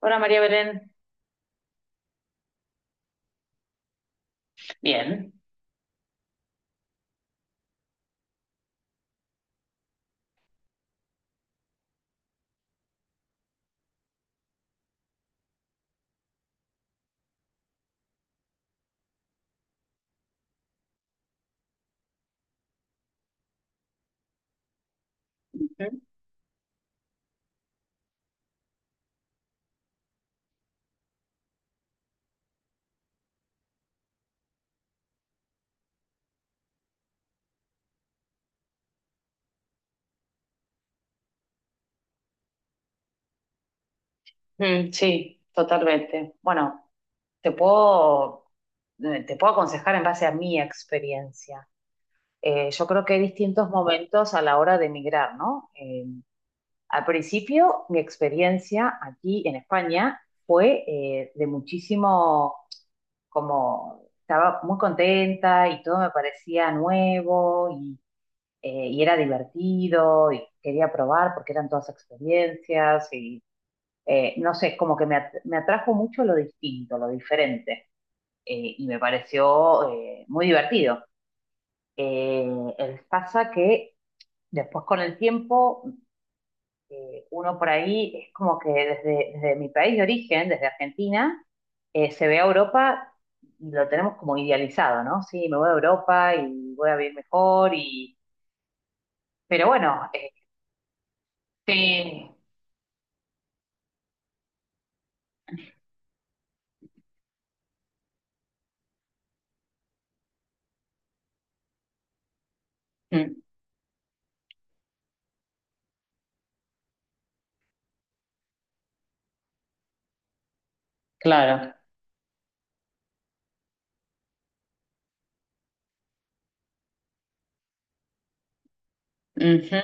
Hola María Belén. Bien. Ujú. Mm, sí, totalmente. Bueno, te puedo, te puedo aconsejar en base a mi experiencia. Yo creo que hay distintos momentos a la hora de emigrar, ¿no? Al principio, mi experiencia aquí en España fue de muchísimo, como estaba muy contenta y todo me parecía nuevo y era divertido y quería probar porque eran todas experiencias no sé, como que me atrajo mucho lo distinto, lo diferente, y me pareció muy divertido. Eh, Pasa que después con el tiempo, uno por ahí es como que desde mi país de origen, desde Argentina, se ve a Europa y lo tenemos como idealizado, ¿no? Sí, me voy a Europa y voy a vivir mejor y... Pero bueno, este... Mm. Claro. Ujú.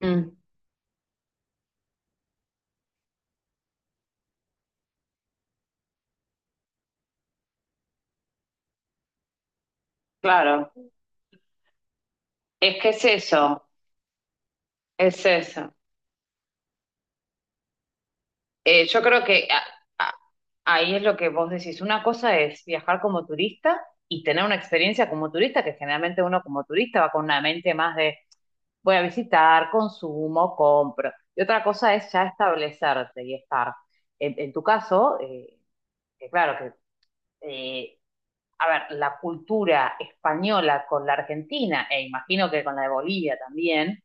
Mm. Claro. Es que es eso. Es eso. Yo creo que a- ahí es lo que vos decís. Una cosa es viajar como turista y tener una experiencia como turista, que generalmente uno como turista va con una mente más de voy a visitar, consumo, compro. Y otra cosa es ya establecerte y estar. En tu caso, que claro que, eh, a ver, la cultura española con la argentina, e imagino que con la de Bolivia también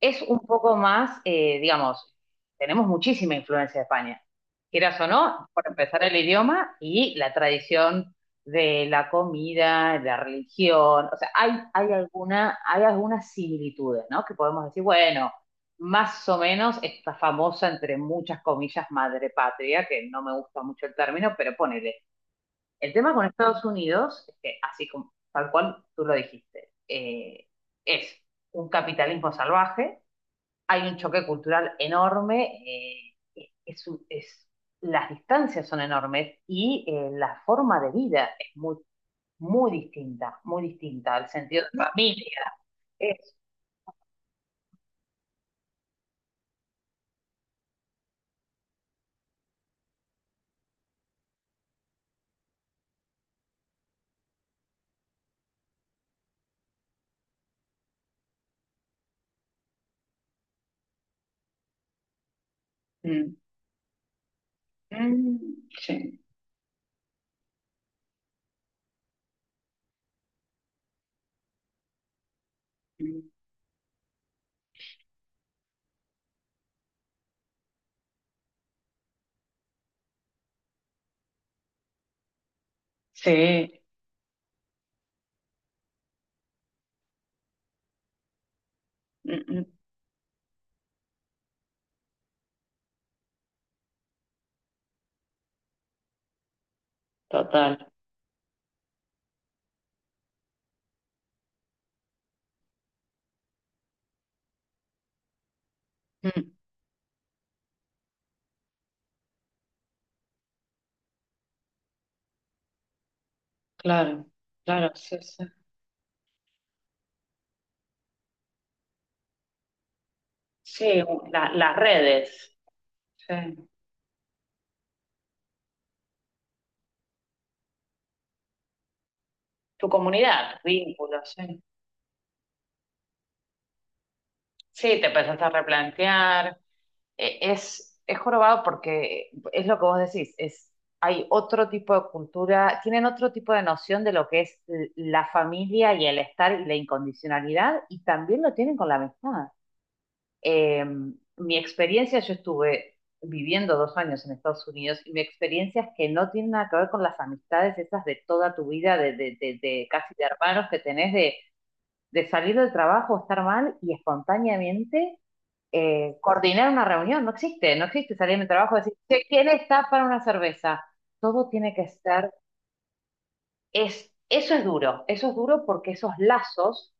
es un poco más, digamos, tenemos muchísima influencia de España, quieras o no, por empezar el idioma y la tradición de la comida, la religión, o sea, hay alguna, hay algunas similitudes, ¿no? Que podemos decir, bueno, más o menos esta famosa, entre muchas comillas, madre patria, que no me gusta mucho el término, pero ponele. El tema con Estados Unidos es que, así como, tal cual tú lo dijiste, es un capitalismo salvaje, hay un choque cultural enorme, es, un- es- las distancias son enormes y la forma de vida es muy, muy distinta el sentido de familia. Es, Mm. Mm, sí. Mm, sí. Mm. Mm, total. Mm, claro, claro, sí, sí. Sí, las redes, sí. Tu comunidad, vínculos, sí. Sí, te empezaste a replantear. Es jorobado porque es lo que vos decís, es, hay otro tipo de cultura, tienen otro tipo de noción de lo que es la familia y el estar y la incondicionalidad, y también lo tienen con la amistad. Eh, mi experiencia, yo estuve viviendo dos años en Estados Unidos, y mi experiencia es que no tiene nada que ver con las amistades esas de toda tu vida, de casi de hermanos que tenés, de salir del trabajo, estar mal y espontáneamente coordinar una reunión, no existe, no existe salir de mi trabajo y decir, "Che, ¿quién está para una cerveza? Todo tiene que ser, es, eso es duro porque esos lazos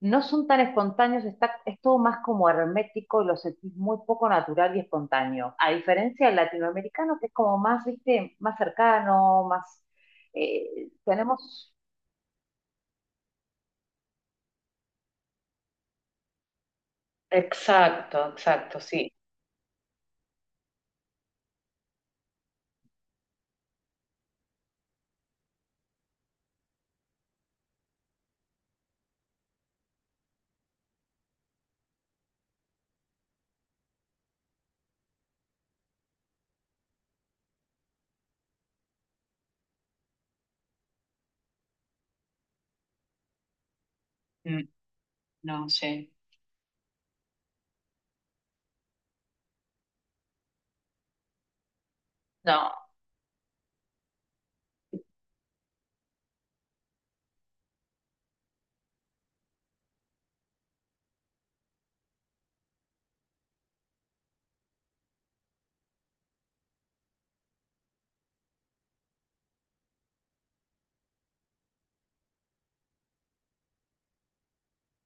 no son tan espontáneos, está, es todo más como hermético y lo sentís muy poco natural y espontáneo, a diferencia del latinoamericano que es como más, viste, más cercano, más, tenemos, Exacto, exacto, sí. Mm, no, sí. No,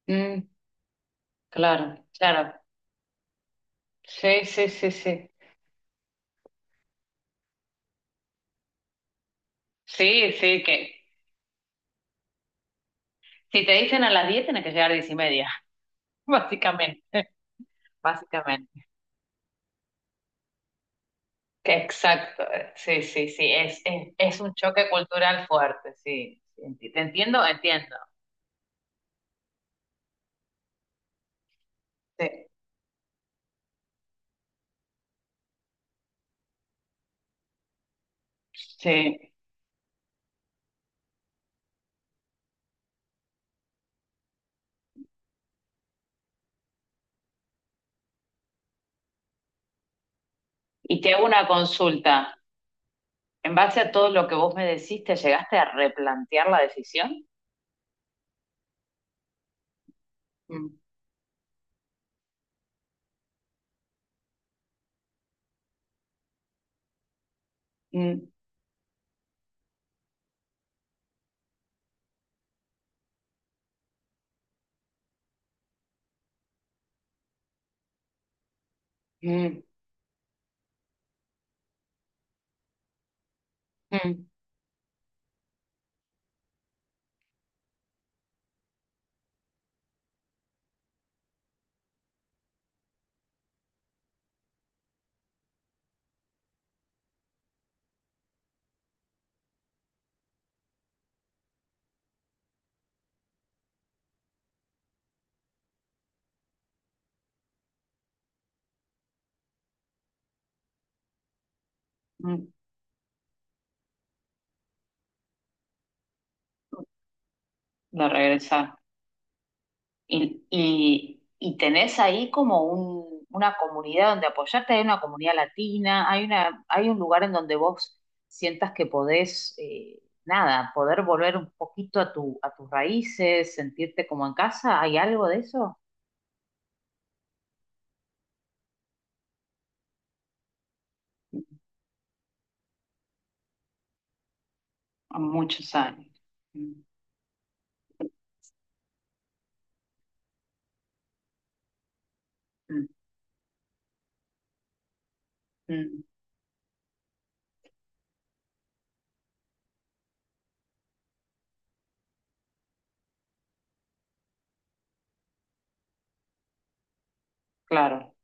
mm, claro, claro. Sí, sí, sí, sí. Sí, sí, que si te dicen a las 10 tiene que llegar a las 10, básicamente, básicamente. Exacto, sí, sí, sí, es un choque cultural fuerte, sí. Sí, Te entiendo, entiendo. Sí, sí. Y te hago una consulta. En base a todo lo que vos me decís, ¿te llegaste a replantear la decisión? Mm, mm, mm, mm, mm. De regresar. Y tenés ahí como un, una comunidad donde apoyarte, hay una comunidad latina, hay una, hay un lugar en donde vos sientas que podés, nada, poder volver un poquito a tu, a tus raíces, sentirte como en casa, ¿hay algo de eso? A muchos años. Mm. Mm. Mm, claro,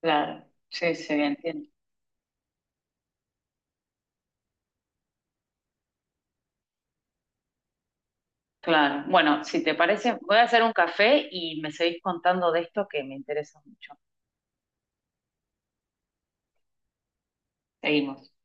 claro. Sí, sí, entiendo. Claro. Bueno, si te parece, voy a hacer un café y me seguís contando de esto que me interesa mucho. Seguimos.